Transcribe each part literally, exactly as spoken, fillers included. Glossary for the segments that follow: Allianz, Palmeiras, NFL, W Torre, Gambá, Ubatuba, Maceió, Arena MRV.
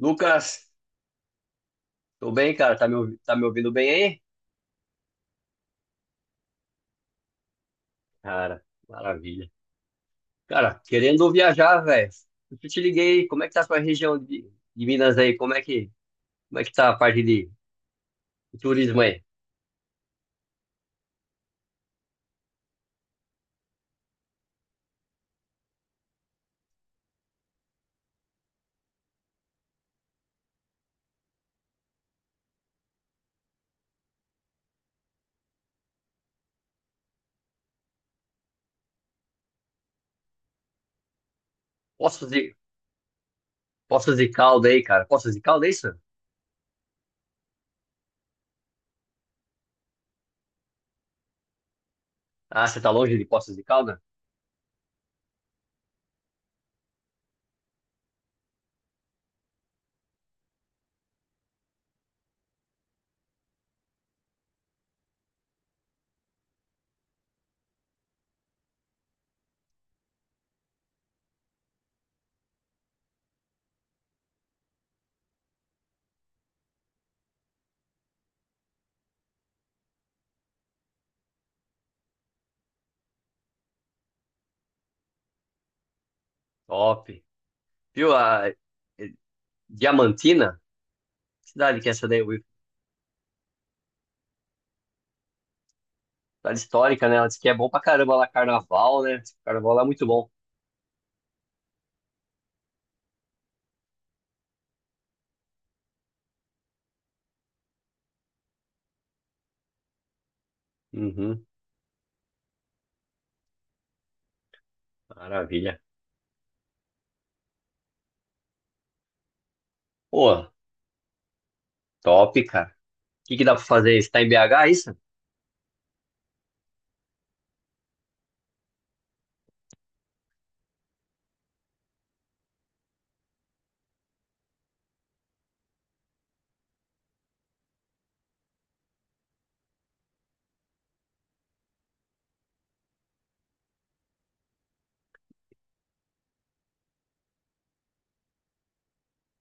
Lucas, tô bem, cara. Tá me, ouvi- tá me ouvindo bem aí? Cara, maravilha. Cara, querendo viajar, velho. Eu te liguei. Como é que tá a sua região de, de Minas aí? Como é que, como é que tá a parte de, de turismo aí? Poços de, Poços de Calda aí, cara. Poços de Calda, é isso? Ah, você tá longe de Poços de Calda? Top. Viu a eh, Diamantina? Que cidade que é essa daí? Will? Cidade histórica, né? Ela disse que é bom pra caramba lá, carnaval, né? Diz que o Carnaval lá é muito bom. Uhum, maravilha. Pô, top, cara. O que que dá pra fazer? Você tá em B H, isso?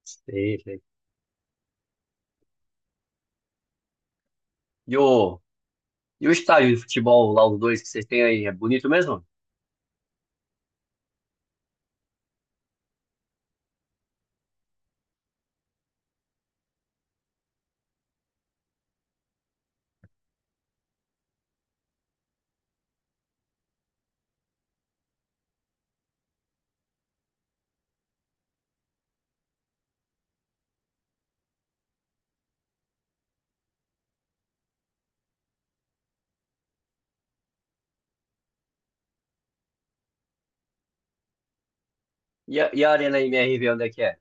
Sei, sei. E o, e o estádio de futebol lá, os dois que vocês têm aí, é bonito mesmo? E a, e a Arena M R V, onde é que é?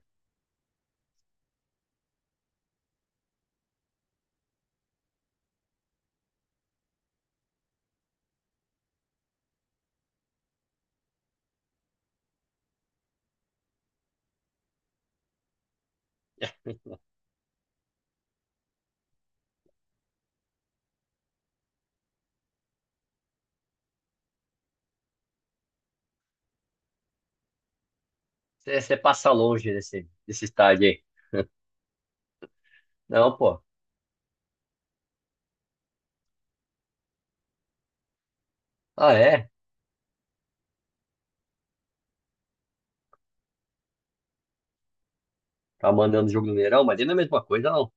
Você você passa longe desse, desse estádio aí. Não, pô. Ah, é? Tá mandando jogo no Mineirão, mas não é a mesma coisa, não.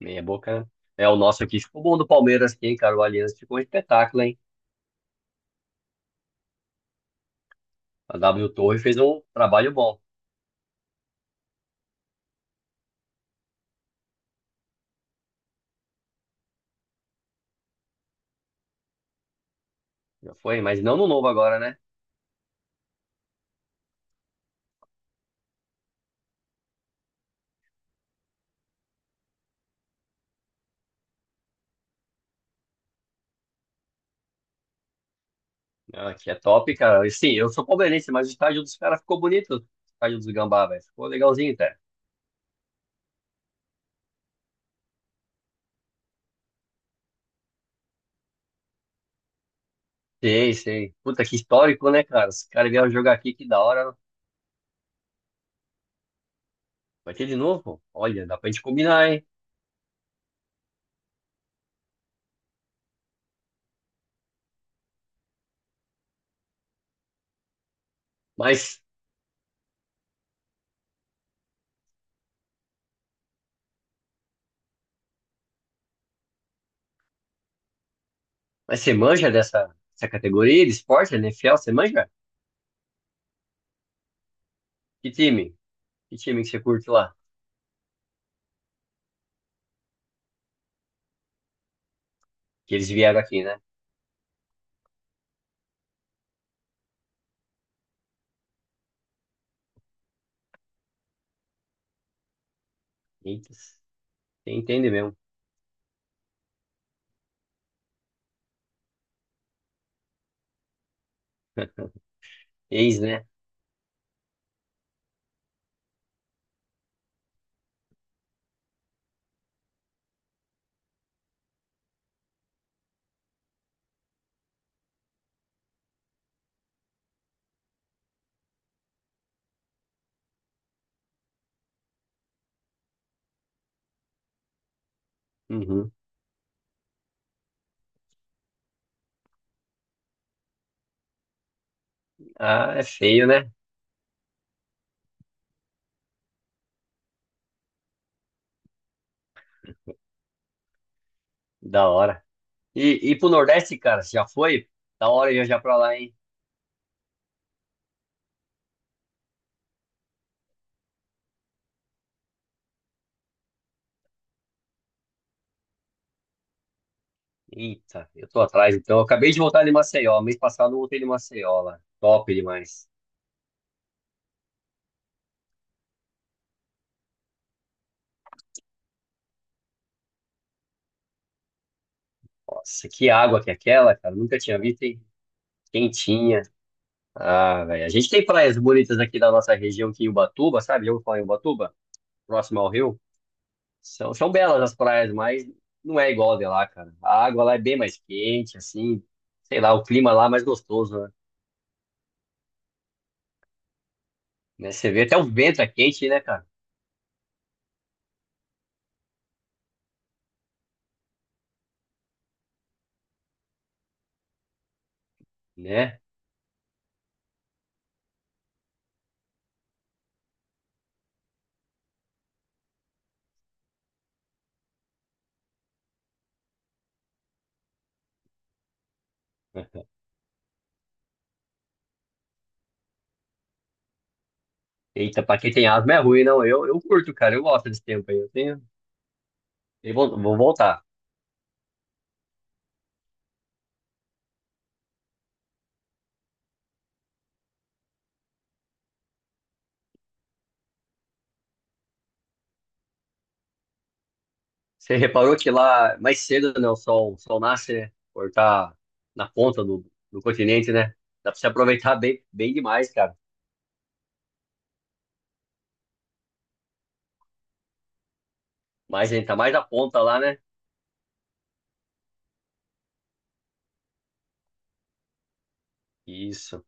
Meia boca, né? É, o nosso aqui ficou bom do Palmeiras aqui, hein, cara? O Allianz ficou um espetáculo, hein? A W Torre fez um trabalho bom. Já foi, mas não no novo agora, né? Ah, aqui é top, cara. E, sim, eu sou palmeirense, mas o estádio dos caras ficou bonito. O estádio dos Gambá, velho. Ficou legalzinho, cara. Sei, sei. Puta, que histórico, né, cara? Os caras vieram jogar aqui, que da hora. Vai ter de novo? Olha, dá pra gente combinar, hein? Mas, mas você manja dessa, dessa categoria de esporte, N F L? Você manja? Que time? Que time que você curte lá? Que eles vieram aqui, né? Eita, você entende mesmo. Ex, né? Uhum. Ah, é feio, né? Da hora. E, e pro Nordeste, cara, você já foi? Da hora viajar pra lá, hein? Eita, eu tô atrás então. Eu acabei de voltar de Maceió. Mês passado eu voltei de Maceió lá. Top demais. Nossa, que água que é aquela, cara. Nunca tinha visto, hein? Quentinha. Ah, velho. A gente tem praias bonitas aqui da nossa região, aqui em Ubatuba, sabe? Já ouviu falar em Ubatuba? Próximo ao rio. São, são belas as praias, mas não é igual a de lá, cara. A água lá é bem mais quente, assim. Sei lá, o clima lá é mais gostoso, né? Né? Você vê até o vento é quente, né, cara? Né? Eita, pra quem tem asma é ruim, não. Eu, eu curto, cara. Eu gosto desse tempo aí. Eu tenho. E vou, vou voltar. Você reparou que lá mais cedo, né, o sol, o sol nasce, né? Por estar na ponta do, do continente, né? Dá pra se aproveitar bem, bem demais, cara. Mas a gente tá mais na ponta lá, né? Isso.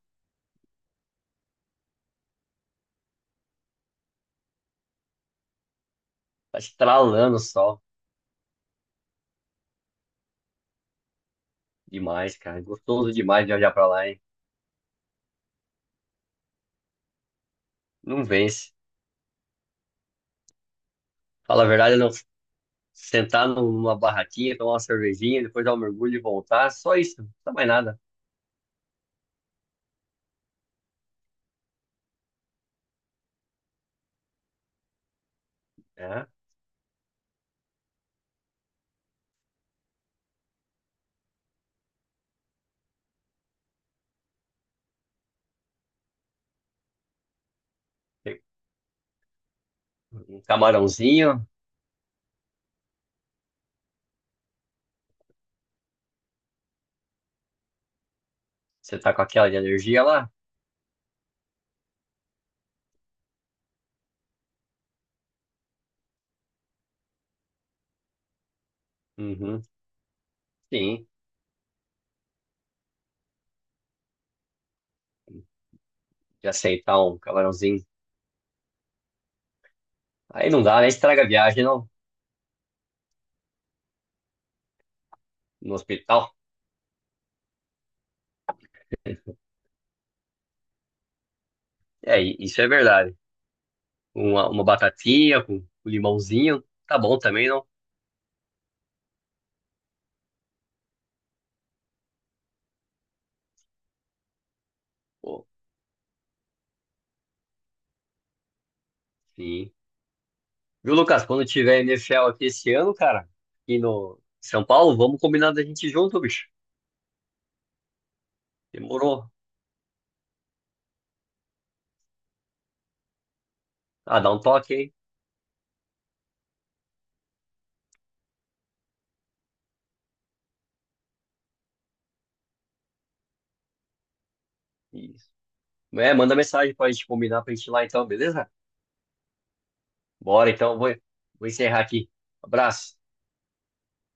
Tá estralando o sol. Demais, cara. Gostoso demais de olhar pra lá, hein? Não vence. Fala a verdade, não. Sentar numa barraquinha, tomar uma cervejinha, depois dar um mergulho e voltar. Só isso. Não dá mais nada. É. Um camarãozinho. Você tá com aquela de energia lá? Uhum. Sim. De aceitar um camarãozinho. Aí não dá, né? Estraga a viagem não, no hospital. É, i- isso é verdade. Uma, uma batatinha com com limãozinho, tá bom também, não? Pô, sim. Viu, Lucas? Quando tiver N F L aqui esse ano, cara, aqui no São Paulo, vamos combinar da gente ir junto, bicho. Demorou. Ah, dá um toque, hein? Isso. É, manda mensagem pra gente combinar pra gente ir lá então, beleza? Bora então, vou, vou encerrar aqui. Abraço.